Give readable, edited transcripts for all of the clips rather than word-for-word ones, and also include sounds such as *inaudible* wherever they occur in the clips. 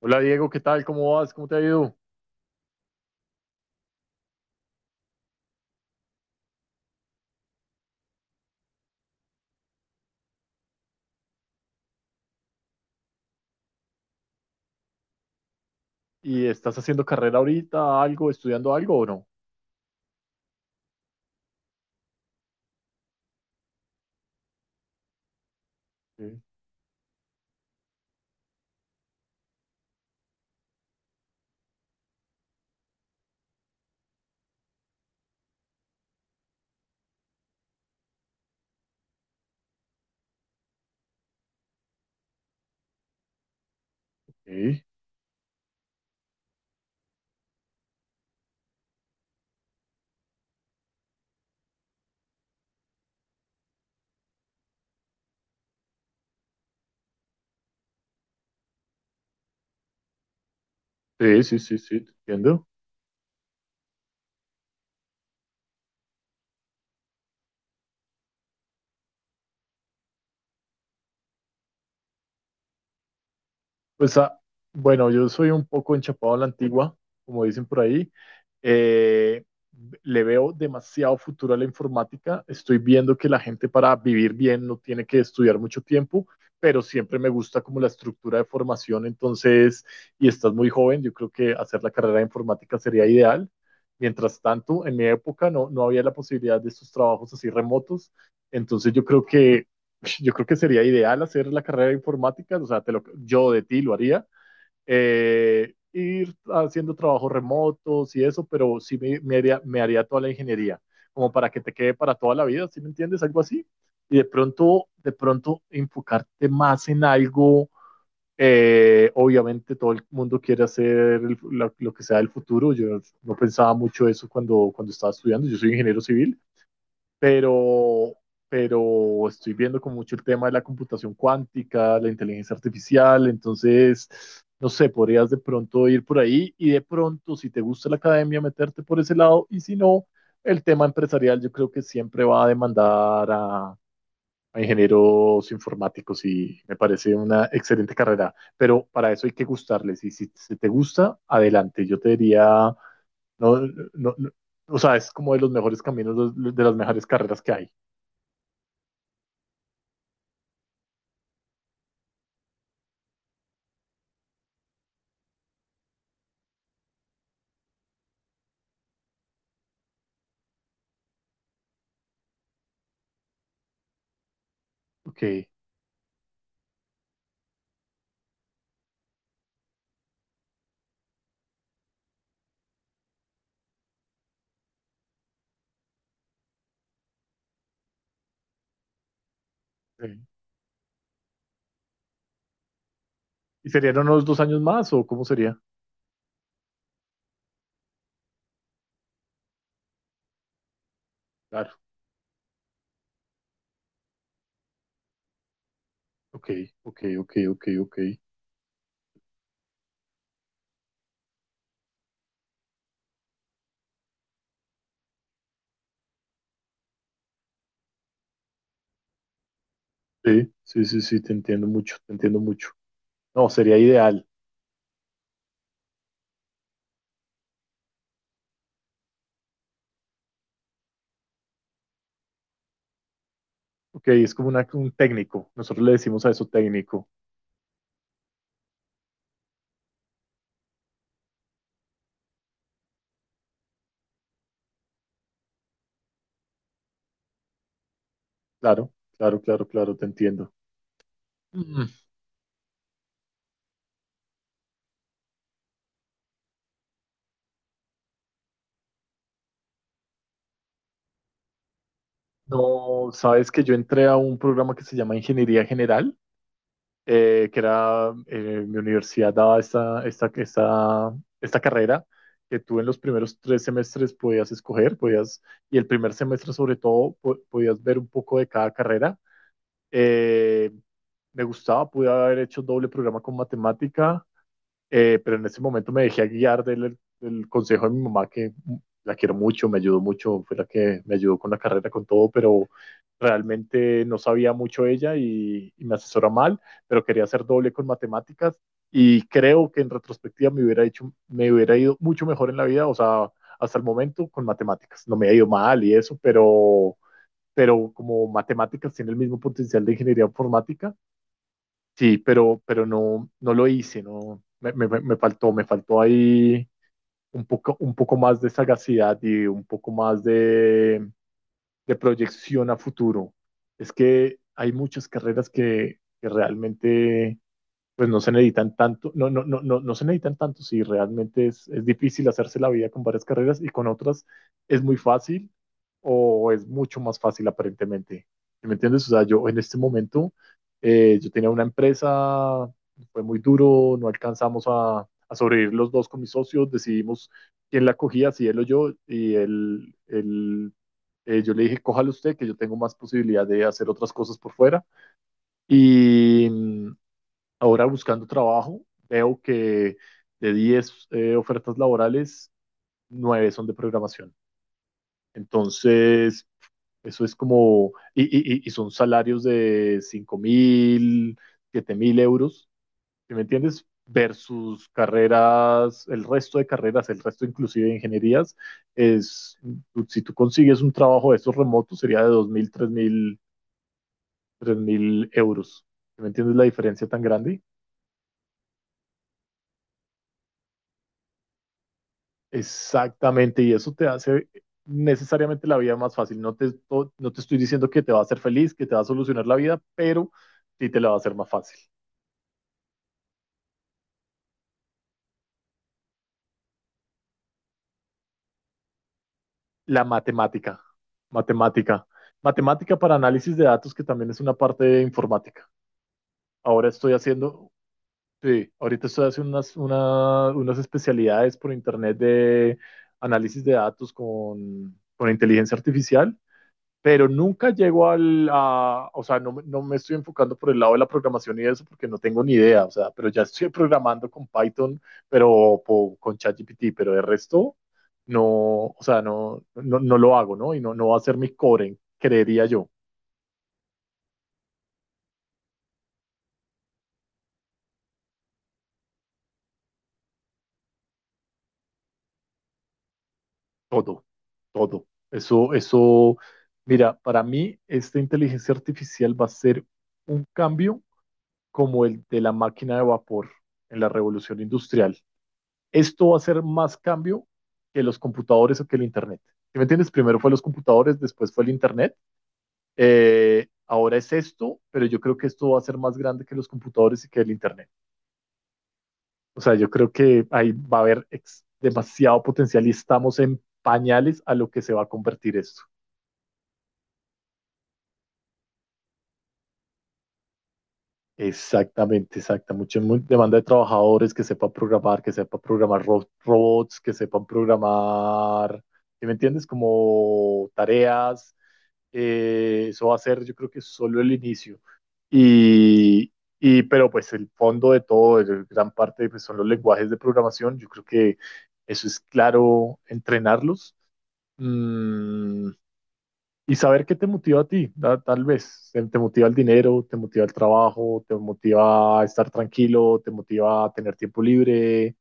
Hola Diego, ¿qué tal? ¿Cómo vas? ¿Cómo te ha ido? ¿Y estás haciendo carrera ahorita, algo, estudiando algo o no? Sí, sí, sí, sí, sí, te entiendo. Pues ah, bueno, yo soy un poco enchapado a la antigua, como dicen por ahí. Eh, Le veo demasiado futuro a la informática. Estoy viendo que la gente para vivir bien no tiene que estudiar mucho tiempo, pero siempre me gusta como la estructura de formación. Entonces, y estás muy joven, yo creo que hacer la carrera de informática sería ideal. Mientras tanto, en mi época no, no había la posibilidad de estos trabajos así remotos. Entonces, yo creo que sería ideal hacer la carrera de informática. O sea, yo de ti lo haría, ir haciendo trabajos remotos y eso, pero sí me haría toda la ingeniería, como para que te quede para toda la vida, ¿sí me entiendes? Algo así. Y de pronto enfocarte más en algo. Obviamente todo el mundo quiere hacer lo que sea el futuro. Yo no pensaba mucho eso cuando estaba estudiando. Yo soy ingeniero civil, pero, pero estoy viendo con mucho el tema de la computación cuántica, la inteligencia artificial. Entonces, no sé, podrías de pronto ir por ahí y de pronto, si te gusta la academia, meterte por ese lado, y si no, el tema empresarial yo creo que siempre va a demandar a ingenieros informáticos, y me parece una excelente carrera, pero para eso hay que gustarles, y si te gusta, adelante, yo te diría no, no, no. O sea, es como de los mejores caminos, de las mejores carreras que hay. Ok. Ok. ¿Y serían unos 2 años más o cómo sería? Claro. Ok, ok, ok, ok, ok. Sí, sí, sí, sí, te entiendo mucho, te entiendo mucho. No, sería ideal. Ok, es como un técnico. Nosotros le decimos a eso técnico. Claro, claro, claro, claro, te entiendo. Mm. No, sabes que yo entré a un programa que se llama Ingeniería General, que era, mi universidad daba esta carrera, que tú en los primeros 3 semestres podías escoger, y el primer semestre sobre todo podías ver un poco de cada carrera. Eh, Me gustaba, pude haber hecho doble programa con matemática, pero en ese momento me dejé guiar del consejo de mi mamá, que la quiero mucho, me ayudó mucho, fue la que me ayudó con la carrera, con todo, pero realmente no sabía mucho ella, y me asesora mal, pero quería hacer doble con matemáticas y creo que en retrospectiva me hubiera ido mucho mejor en la vida, o sea, hasta el momento con matemáticas. No me ha ido mal y eso, pero como matemáticas tiene el mismo potencial de ingeniería informática. Sí, pero no, no lo hice, no, me faltó ahí un poco más de sagacidad y un poco más de, proyección a futuro. Es que hay muchas carreras que realmente pues no se necesitan tanto, no, no, no, no, no se necesitan tanto, si realmente es difícil hacerse la vida con varias carreras, y con otras es muy fácil, o es mucho más fácil aparentemente. ¿Sí? ¿Me entiendes? O sea, yo en este momento, yo tenía una empresa, fue muy duro, no alcanzamos a sobrevivir los dos con mis socios, decidimos quién la cogía, si él o yo, y él yo le dije, cójalo usted, que yo tengo más posibilidad de hacer otras cosas por fuera. Y ahora buscando trabajo, veo que de 10, ofertas laborales, 9 son de programación. Entonces, eso es como, y son salarios de 5.000, 7.000 euros. ¿Sí? ¿Me entiendes? Versus carreras, el resto de carreras, el resto inclusive de ingenierías, es, si tú consigues un trabajo de esos remotos, sería de 2.000, tres mil euros. ¿Sí? ¿Me entiendes la diferencia tan grande? Exactamente, y eso te hace necesariamente la vida más fácil. No te, no no te estoy diciendo que te va a hacer feliz, que te va a solucionar la vida, pero sí te la va a hacer más fácil. La matemática, matemática, matemática para análisis de datos, que también es una parte de informática. Ahora estoy haciendo, sí, ahorita estoy haciendo unas, unas especialidades por internet de análisis de datos con inteligencia artificial, pero nunca llego al, a, o sea, no, no, me estoy enfocando por el lado de la programación y eso porque no tengo ni idea, o sea, pero ya estoy programando con Python, pero con ChatGPT, pero de resto no. O sea, no, no, no, lo hago, ¿no? Y no, no va a ser mi core, creería yo. Todo, todo. Eso, mira, para mí esta inteligencia artificial va a ser un cambio como el de la máquina de vapor en la revolución industrial. Esto va a ser más cambio que los computadores o que el Internet. ¿Sí me entiendes? Primero fue los computadores, después fue el Internet. Ahora es esto, pero yo creo que esto va a ser más grande que los computadores y que el Internet. O sea, yo creo que ahí va a haber demasiado potencial, y estamos en pañales a lo que se va a convertir esto. Exactamente, exacta. Demanda de trabajadores que sepan programar robots, que sepan programar, ¿sí me entiendes? Como tareas. Eso va a ser, yo creo que solo el inicio. Y, pero pues el fondo de todo, gran parte pues, son los lenguajes de programación. Yo creo que eso es claro, entrenarlos. Mm, y saber qué te motiva a ti, tal vez. Te motiva el dinero, te motiva el trabajo, te motiva a estar tranquilo, te motiva a tener tiempo libre,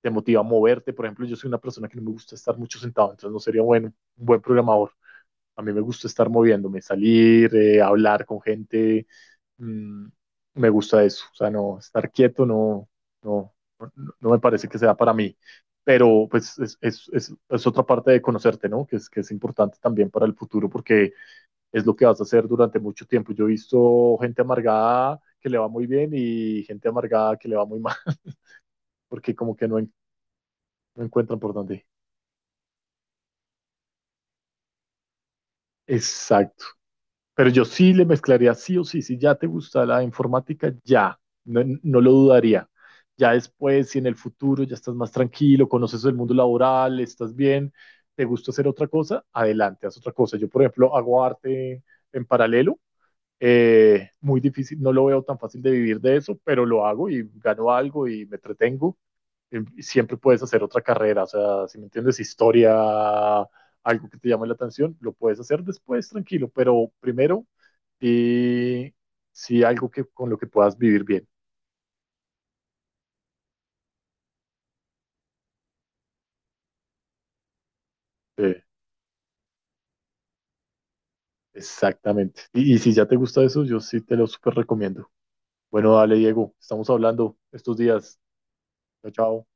te motiva a moverte. Por ejemplo, yo soy una persona que no me gusta estar mucho sentado, entonces no sería bueno un buen programador. A mí me gusta estar moviéndome, salir, hablar con gente. mm, Me gusta eso. O sea, no, estar quieto no, no, no no me parece que sea para mí. Pero pues es otra parte de conocerte, ¿no? Que es importante también para el futuro, porque es lo que vas a hacer durante mucho tiempo. Yo he visto gente amargada que le va muy bien y gente amargada que le va muy *laughs* mal, porque como que no, no encuentran por dónde. Exacto. Pero yo sí le mezclaría sí o sí. Si ya te gusta la informática, ya. No, no lo dudaría. Ya después, si en el futuro ya estás más tranquilo, conoces el mundo laboral, estás bien, te gusta hacer otra cosa, adelante, haz otra cosa. Yo, por ejemplo, hago arte en paralelo. Muy difícil, no lo veo tan fácil de vivir de eso, pero lo hago y gano algo y me entretengo. Y siempre puedes hacer otra carrera, o sea, si me entiendes, historia, algo que te llame la atención, lo puedes hacer después, tranquilo, pero primero, y sí algo que, con lo que puedas vivir bien. Eh, exactamente. Y si ya te gusta eso, yo sí te lo súper recomiendo. Bueno, dale, Diego, estamos hablando estos días. Chao, chao.